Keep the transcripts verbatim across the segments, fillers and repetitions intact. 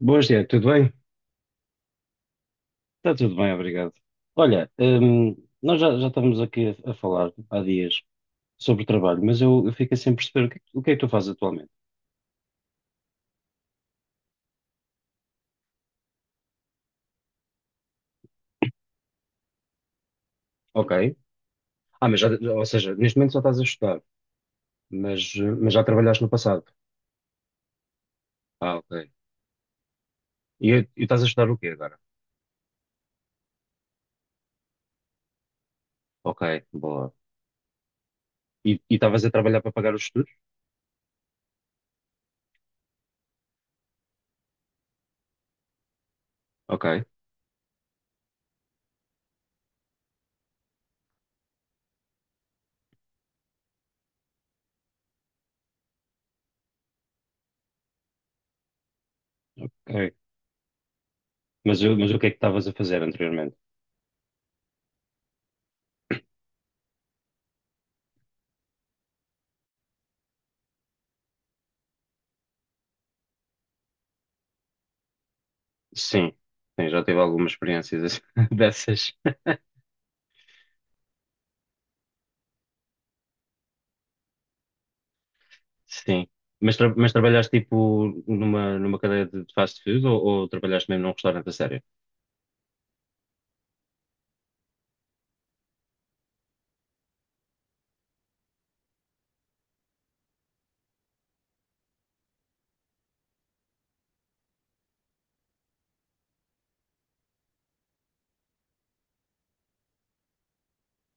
Boas, Tiago, tudo bem? Está tudo bem, obrigado. Olha, hum, nós já, já estamos aqui a, a falar há dias sobre trabalho, mas eu, eu fico sem perceber o que, é que- o que é que tu fazes atualmente. Ok. Ah, mas já, ou seja, neste momento só estás a estudar, mas, eh, mas já trabalhaste no passado. Ah, ok. E, e estás a estudar o quê agora? Ok, boa. E e estavas a trabalhar para pagar os estudos? Ok, ok. Mas, eu- mas o que é que estavas a fazer anteriormente? Sim, sim, já tive algumas experiências dessas. Sim. Mas, tra- mas trabalhaste tipo numa, numa cadeia de de fast food, ou, ou trabalhaste mesmo num restaurante a sério?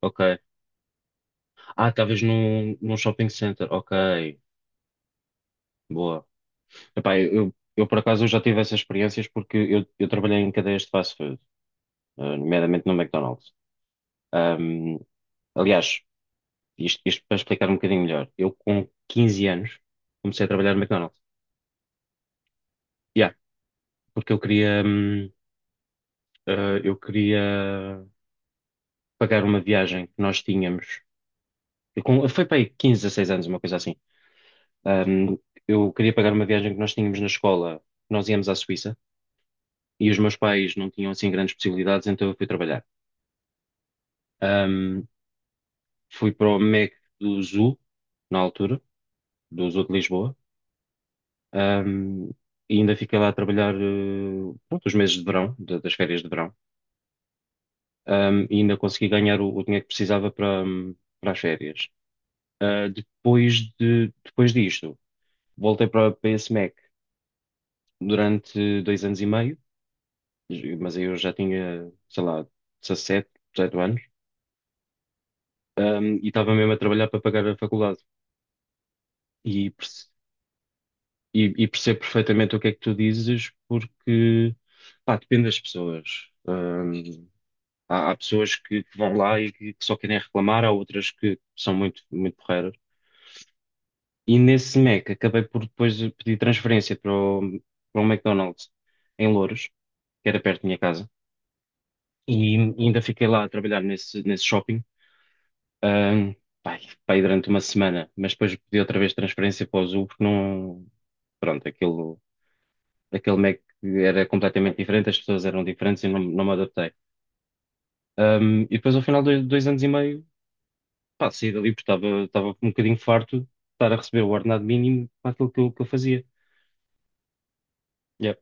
Ok. Ah, talvez num, num shopping center. Ok. Boa. Epá, eu, eu, eu, por acaso eu já tive essas experiências, porque eu, eu trabalhei em cadeias de fast food, eh, nomeadamente no McDonald's. Ahm, Aliás, isto, isto para explicar um bocadinho melhor. Eu com quinze anos comecei a trabalhar no McDonald's. Yeah, porque eu queria, hum, eh, eu queria pagar uma viagem que nós tínhamos, eu com- foi para aí quinze, dezesseis anos, uma coisa assim. Ahm, eu queria pagar uma viagem que nós tínhamos na escola, nós íamos à Suíça, e os meus pais não tinham assim grandes possibilidades, então eu fui trabalhar. Ahm, Fui para o M E C do Zoo, na altura, do Zoo de Lisboa. Ahm, e ainda fiquei lá a trabalhar, eh, pronto, os meses de verão, da- das férias de verão. Ahm, e ainda consegui ganhar o, o dinheiro que precisava para, hum, para as férias. Ah, depois de, depois disto, voltei para, para esse M E C durante dois anos e meio, mas aí eu já tinha, sei lá, dezessete, dezoito anos, ahm, e estava mesmo a trabalhar para pagar a faculdade. E, perce- e, e percebo perfeitamente o que é que tu dizes, porque, pá, depende das pessoas. Ahm, há, há pessoas que, que vão lá e que, que só querem reclamar, há outras que são muito, muito porreiras. E nesse Mac acabei por depois pedir transferência para o, para um McDonald's em Louros, que era perto da minha casa. E ainda fiquei lá a trabalhar nesse, nesse shopping, Ahm, pai, pai, durante uma semana, mas depois pedi outra vez transferência para o Azul, porque não. Pronto, aquilo, aquele Mac era completamente diferente, as pessoas eram diferentes e não, não me adaptei. Ahm, e depois, ao final de dois anos e meio, pá, saí dali porque estava estava um bocadinho farto de estar a receber o ordenado mínimo para aquilo que eu, que eu fazia. Yep.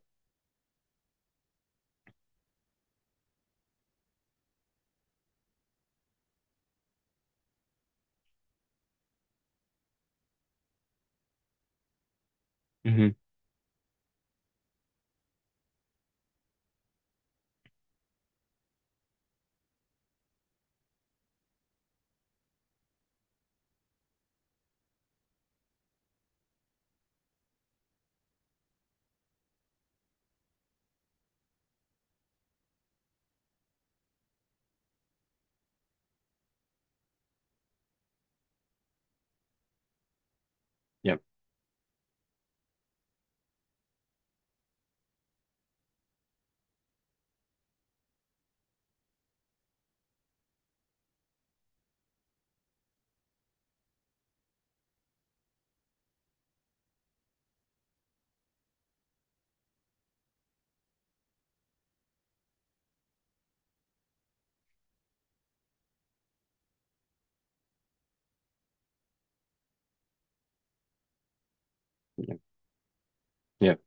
Uhum. Yep. Yep. Yep.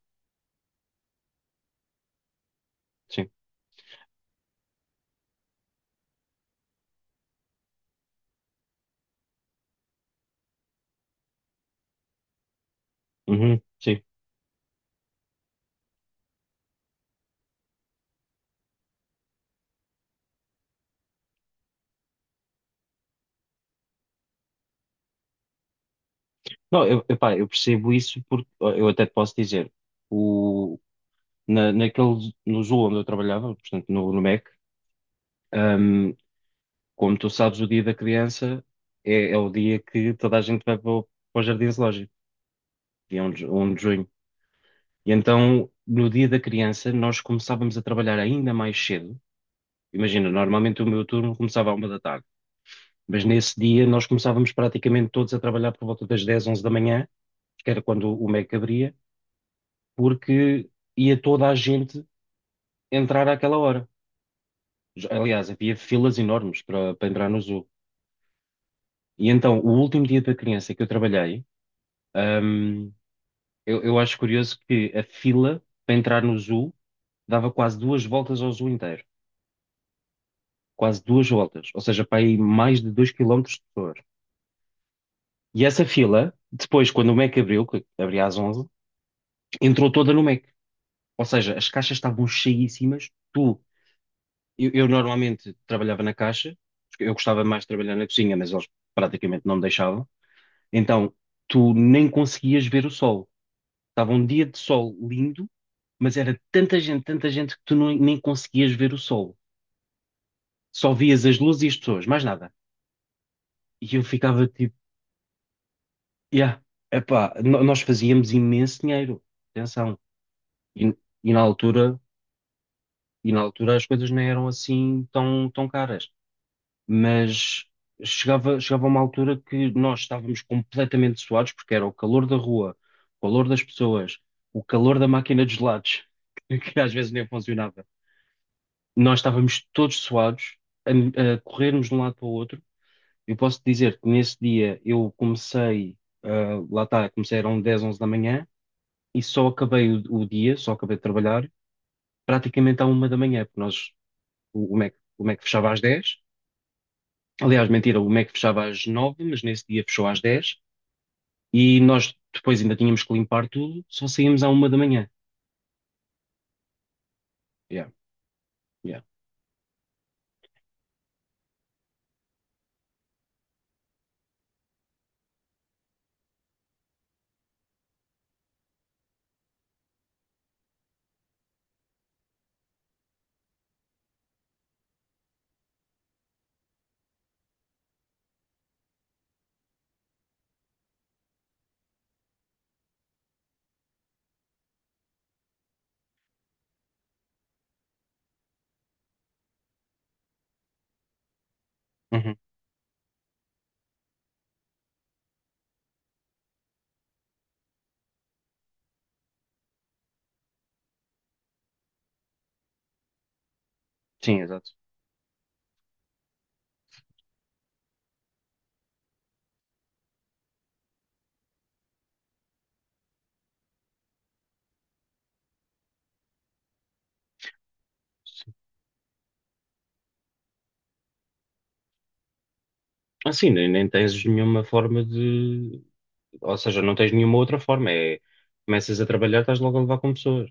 Sim. Uhum. Sim. Não, eu, epá, eu percebo isso, porque ó, eu até te posso dizer, o, na, naquele, no Zoom onde eu trabalhava, portanto, no, no Mac. Ahm, Como tu sabes, o dia da criança é, é o dia que toda a gente vai para o, para o Jardim Zoológico, dia primeiro de, ju- um de junho. E então, no dia da criança, nós começávamos a trabalhar ainda mais cedo. Imagina, normalmente o meu turno começava à uma da tarde, mas nesse dia nós começávamos praticamente todos a trabalhar por volta das dez, onze da manhã, que era quando o M E C abria, porque ia toda a gente entrar àquela hora. Aliás, havia filas enormes para, para entrar no zoo. E então, o último dia da criança que eu trabalhei, Ahm, eu, eu acho curioso que a fila para entrar no zoo dava quase duas voltas ao zoo inteiro. Quase duas voltas. Ou seja, para aí mais de dois quilómetros de pessoas. E essa fila, depois, quando o Mac abriu, que abria às onze, entrou toda no Mac. Ou seja, as caixas estavam cheíssimas. Tu, eu, eu normalmente trabalhava na caixa, porque eu gostava mais de trabalhar na cozinha, mas eles praticamente não me deixavam. Então, tu nem conseguias ver o sol. Estava um dia de sol lindo, mas era tanta gente, tanta gente que tu não- nem conseguias ver o sol. Só vias as luzes e as pessoas, mais nada. E eu ficava tipo, yeah, epá, no- nós fazíamos imenso dinheiro, atenção. E, e na altura, e na altura as coisas não eram assim tão, tão caras. Mas chegava, chegava uma altura que nós estávamos completamente suados, porque era o calor da rua, o calor das pessoas, o calor da máquina de gelados, que às vezes nem funcionava. Nós estávamos todos suados a, a corrermos de um lado para o outro. Eu posso dizer que nesse dia eu comecei, ah, lá está, comecei eram dez, onze da manhã, e só acabei o, o dia, só acabei de trabalhar praticamente à uma da manhã, porque nós, o, o Mac, o Mac fechava às dez. Aliás, mentira, o Mac fechava às nove, mas nesse dia fechou às dez, e nós depois ainda tínhamos que limpar tudo, só saímos à uma da manhã. Yeah, yeah. Uhum. Sim, exato. Sim. Assim, nem, nem tens nenhuma forma de. Ou seja, não tens nenhuma outra forma. É, começas a trabalhar, estás logo a levar com pessoas.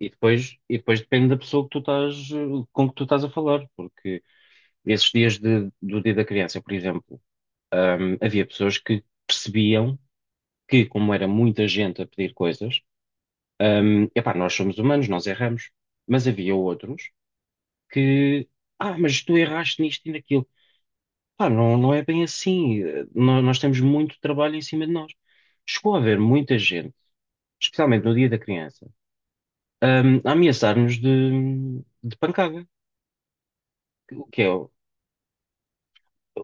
E depois, e depois depende da pessoa que tu estás, eh, com que tu estás a falar. Porque esses dias de- do Dia da Criança, por exemplo, hum, havia pessoas que percebiam que, como era muita gente a pedir coisas, hum, epá, nós somos humanos, nós erramos. Mas havia outros que, ah, mas tu erraste nisto e naquilo. Pá, não, não é bem assim. Nó- Nós temos muito trabalho em cima de nós. Chegou a haver muita gente, especialmente no Dia da Criança, hum, a ameaçar-nos de, de pancada. O que é?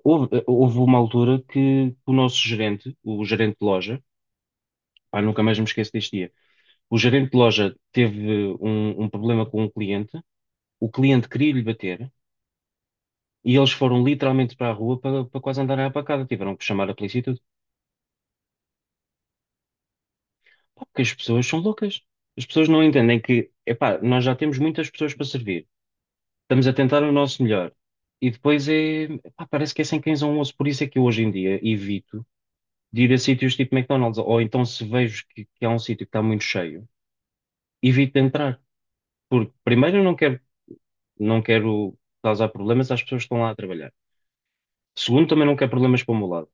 Houve, houve uma altura que o nosso gerente, o gerente de loja, pá, nunca mais me esqueço deste dia. O gerente de loja teve um, um problema com um cliente, o cliente queria lhe bater, e eles foram literalmente para a rua, para, para quase andarem à pancada. Tiveram que chamar a polícia e tudo. Pá, porque as pessoas são loucas. As pessoas não entendem que, epá, nós já temos muitas pessoas para servir. Estamos a tentar o nosso melhor. E depois é, epá, parece que é sem cães a um osso. Por isso é que eu hoje em dia evito de ir a sítios tipo McDonald's. Ou então, se vejo que, que há um sítio que está muito cheio, evito de entrar. Porque primeiro eu não quero, não quero causar problemas às pessoas que estão lá a trabalhar. Segundo, também não quero problemas para o meu lado.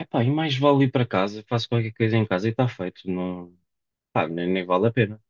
Epá, e mais vale ir para casa, faço qualquer coisa em casa e está feito. Não, pá, nem, nem vale a pena.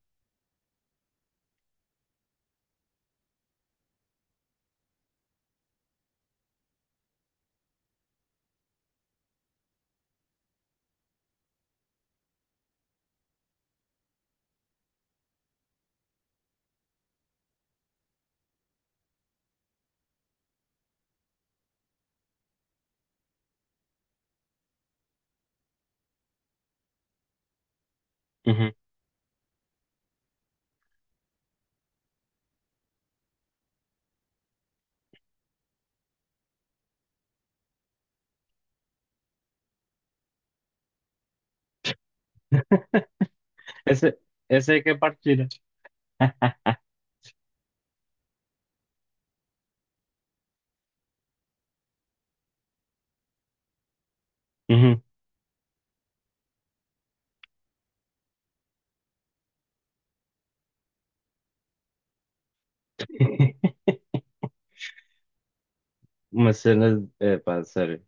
Uhum. Essa, essa é que é a parte. Uhum. Uma cena. É pá, sério.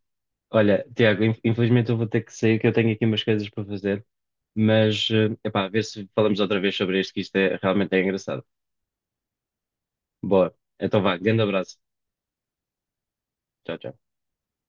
Olha, Tiago, in- infelizmente eu vou ter que sair, que eu tenho aqui umas coisas para fazer, mas é pá, a ver se falamos outra vez sobre isto, que isto é realmente é engraçado. Boa. Então vá, grande abraço. Tchau, tchau.